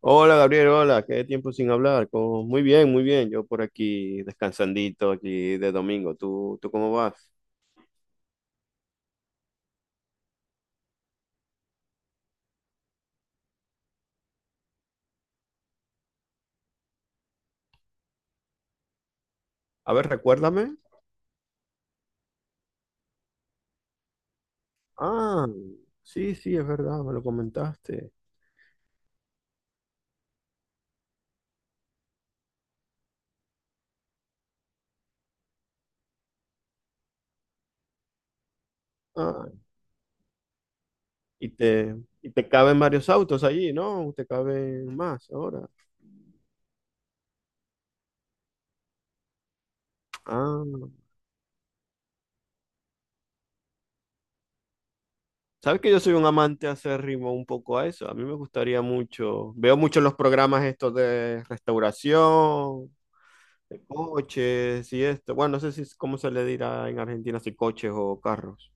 Hola Gabriel, hola, qué tiempo sin hablar. Muy bien, muy bien. Yo por aquí descansandito aquí de domingo. ¿Tú cómo vas? A ver, recuérdame. Ah, sí, sí, es verdad, me lo comentaste. Ah, y te, y te caben varios autos allí, ¿no? Te caben más ahora. Ah, sabes que yo soy un amante acérrimo un poco a eso. A mí me gustaría mucho. Veo mucho los programas estos de restauración de coches y esto. Bueno, no sé si cómo se le dirá en Argentina, si coches o carros.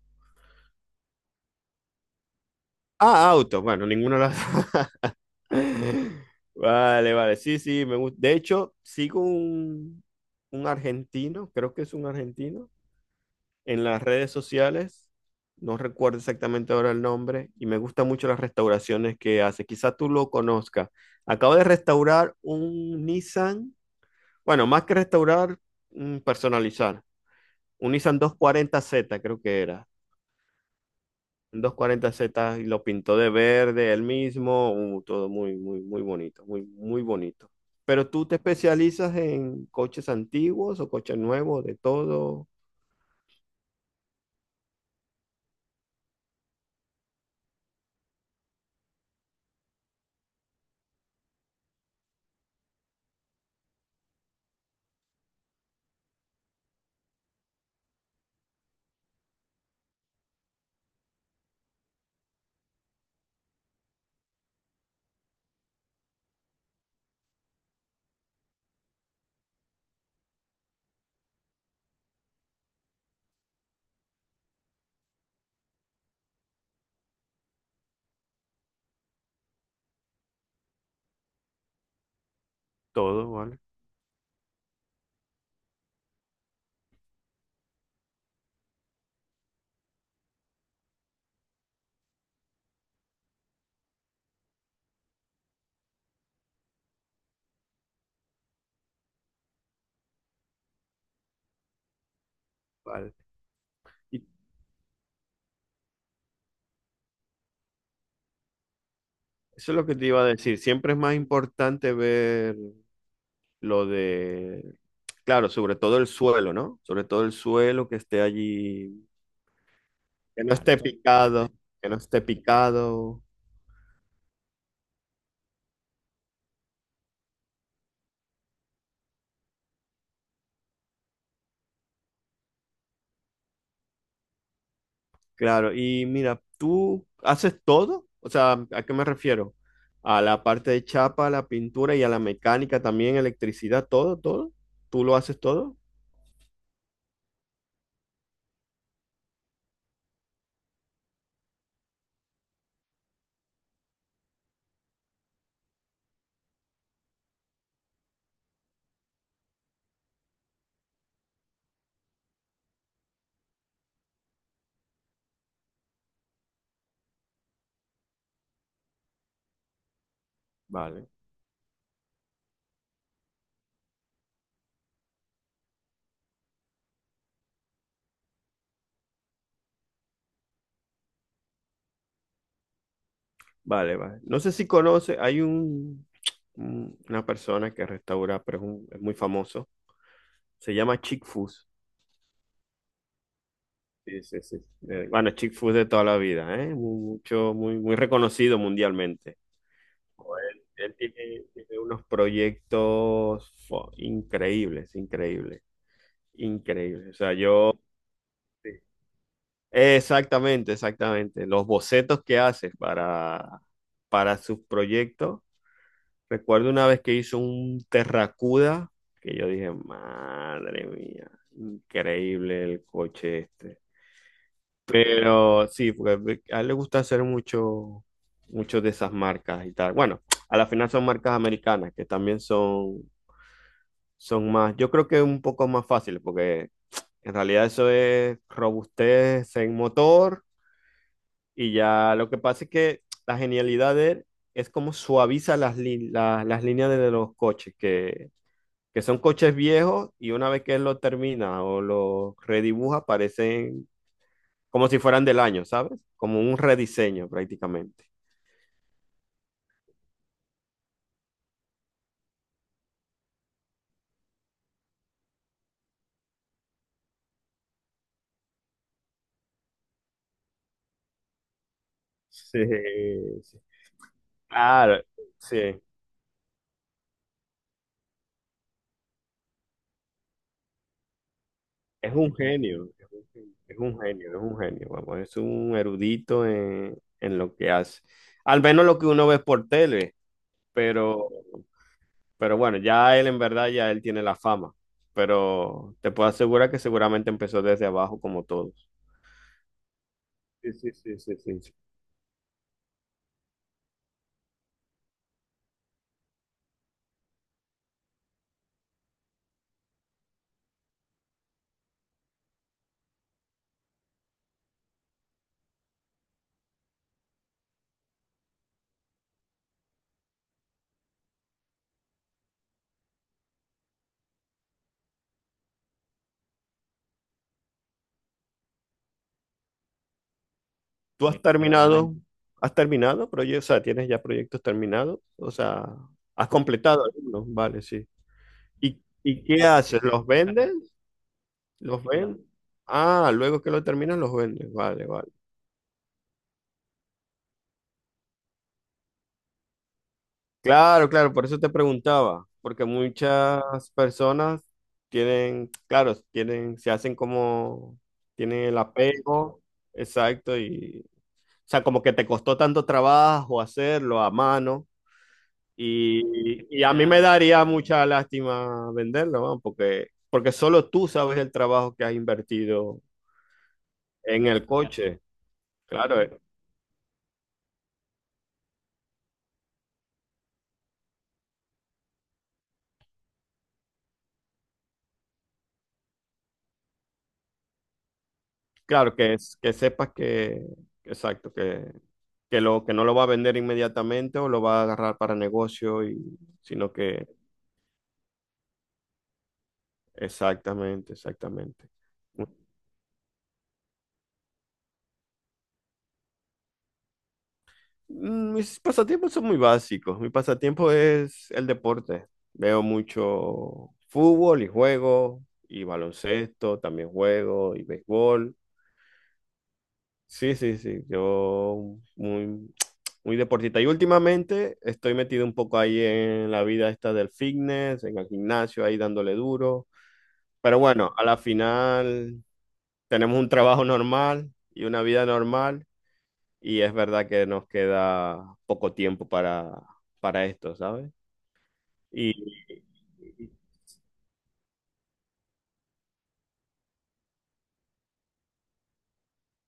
Ah, autos. Bueno, ninguna de las. Vale, vale. Sí, sí, me gusta. De hecho, sigo un argentino, creo que es un argentino, en las redes sociales. No recuerdo exactamente ahora el nombre y me gustan mucho las restauraciones que hace. Quizá tú lo conozcas. Acabo de restaurar un Nissan. Bueno, más que restaurar, personalizar. Un Nissan 240Z, creo que era. Un 240Z, y lo pintó de verde él mismo, todo muy, muy, muy bonito, muy, muy bonito. Pero tú te especializas en coches antiguos o coches nuevos, de todo. Todo, vale. Vale. Y eso es lo que te iba a decir. Siempre es más importante ver lo de, claro, sobre todo el suelo, ¿no? Sobre todo el suelo, que esté allí, que no esté picado, que no esté picado. Claro, y mira, ¿tú haces todo? O sea, ¿a qué me refiero? A la parte de chapa, a la pintura y a la mecánica también, electricidad, todo, todo. ¿Tú lo haces todo? Vale, vale, vale. No sé si conoces, hay un, una persona que restaura, pero es muy famoso. Se llama Chick Foos. Sí, sí, sí. Bueno, Chick Foos de toda la vida, ¿eh? Mucho, muy, muy reconocido mundialmente. Joder, Él tiene unos proyectos increíbles, increíbles. Increíble. O sea, yo, sí. Exactamente, exactamente. Los bocetos que haces para, sus proyectos. Recuerdo una vez que hizo un Terracuda, que yo dije, madre mía, increíble el coche este. Pero sí, porque a él le gusta hacer mucho, mucho de esas marcas y tal. Bueno, a la final son marcas americanas que también son más, yo creo que un poco más fáciles, porque en realidad eso es robustez en motor, y ya lo que pasa es que la genialidad de él es como suaviza las, las líneas de los coches, que son coches viejos, y una vez que él lo termina o lo redibuja parecen como si fueran del año, ¿sabes? Como un rediseño prácticamente. Sí, sí. Claro, sí. Es un genio, es un genio, es un genio, es un genio, vamos, es un erudito en, lo que hace. Al menos lo que uno ve por tele, pero, pero bueno, ya él en verdad, ya él tiene la fama, pero te puedo asegurar que seguramente empezó desde abajo como todos. Sí, sí, sí, sí, sí, sí. ¿Tú has terminado proyectos? O sea, ¿tienes ya proyectos terminados? O sea, has completado algunos, vale, sí. ¿Y qué haces? ¿Los vendes? ¿Los ven? Ah, luego que lo terminan los venden. Vale, vale. Claro, claro, por eso te preguntaba, porque muchas personas tienen, claro, tienen, se hacen como, tienen el apego, exacto, y, o sea, como que te costó tanto trabajo hacerlo a mano, y, y, a mí me daría mucha lástima venderlo, ¿no? porque solo tú sabes el trabajo que has invertido en el coche. Claro, claro, que, que sepas que, exacto, que no lo va a vender inmediatamente o lo va a agarrar para negocio, y, sino que, exactamente, exactamente. Mis pasatiempos son muy básicos. Mi pasatiempo es el deporte. Veo mucho fútbol y juego, y baloncesto, también juego, y béisbol. Sí, sí, sí, yo muy, muy deportista. Y últimamente estoy metido un poco ahí en la vida esta del fitness, en el gimnasio, ahí dándole duro. Pero bueno, a la final tenemos un trabajo normal y una vida normal, y es verdad que nos queda poco tiempo para, esto, ¿sabes? Y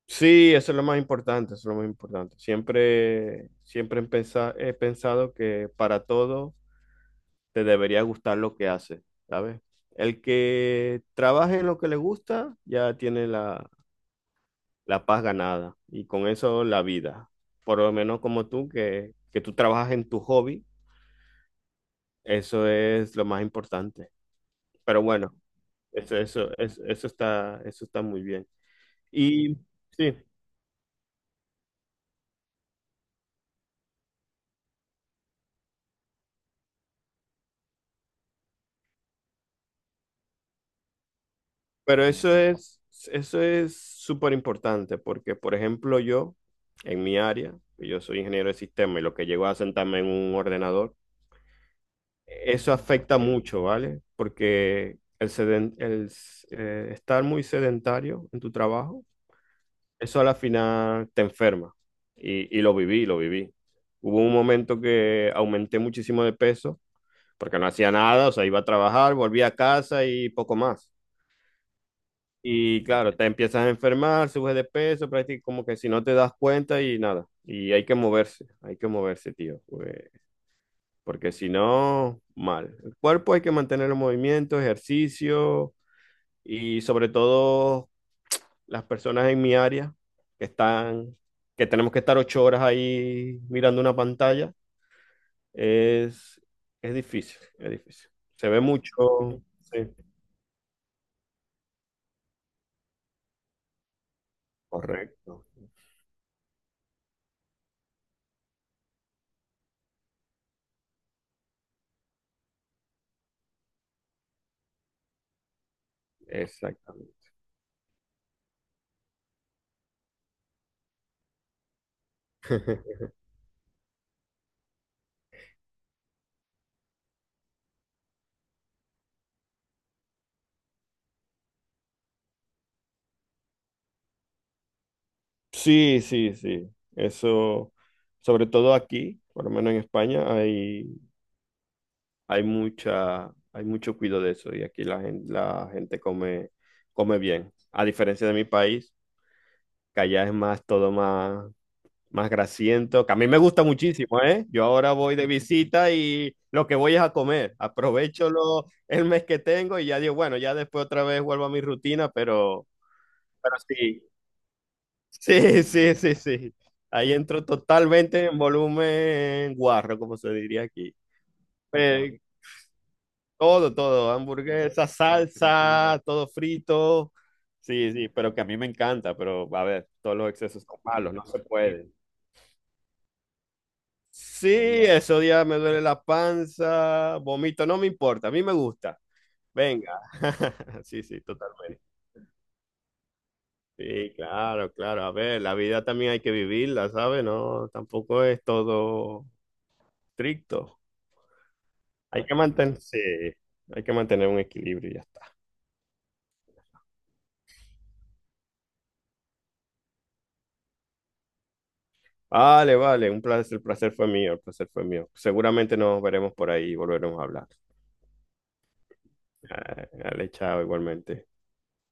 sí, eso es lo más importante, eso es lo más importante. siempre he pensado que para todo te debería gustar lo que hace, ¿sabes? El que trabaje en lo que le gusta ya tiene la, paz ganada, y con eso la vida. Por lo menos como tú, que tú trabajas en tu hobby, eso es lo más importante. Pero bueno, eso está muy bien. Y sí, pero eso es súper importante, porque, por ejemplo, yo, en mi área, yo soy ingeniero de sistema y lo que llego a sentarme en un ordenador. Eso afecta mucho, ¿vale? Porque el, seden- el s- estar muy sedentario en tu trabajo, eso a la final te enferma. Y lo viví, lo viví. Hubo un momento que aumenté muchísimo de peso porque no hacía nada, o sea, iba a trabajar, volvía a casa y poco más. Y claro, te empiezas a enfermar, subes de peso, prácticamente como que si no te das cuenta, y nada. Y hay que moverse, tío. Porque si no, mal. El cuerpo hay que mantener el movimiento, ejercicio, y sobre todo las personas en mi área que están, que tenemos que estar 8 horas ahí mirando una pantalla, es, es difícil, es difícil. Se ve mucho, sí, correcto, exactamente. Sí, sí, sí, eso, sobre todo aquí, por lo menos en España, hay mucha, hay mucho cuidado de eso, y aquí la gente come, come bien. A diferencia de mi país, que allá es más, todo más, más grasiento, que a mí me gusta muchísimo, ¿eh? Yo ahora voy de visita y lo que voy es a comer. Aprovecho el mes que tengo y ya digo, bueno, ya después otra vez vuelvo a mi rutina, pero sí, sí, sí, sí, sí. Ahí entro totalmente en volumen guarro, como se diría aquí. Pero, Todo, todo, hamburguesa, salsa, todo frito. Sí, sí, pero que a mí me encanta, pero a ver, todos los excesos son malos, no se puede. Sí, esos días me duele la panza, vomito, no me importa, a mí me gusta. Venga. Sí, sí, totalmente. Sí, claro, claro. A ver, la vida también hay que vivirla, ¿sabes? No, tampoco es todo estricto. Hay que mantener, sí, hay que mantener un equilibrio y ya está. Vale, vale, un placer, el placer fue mío, el placer fue mío. Seguramente nos veremos por ahí y volveremos a hablar. Ah, dale, chao, igualmente.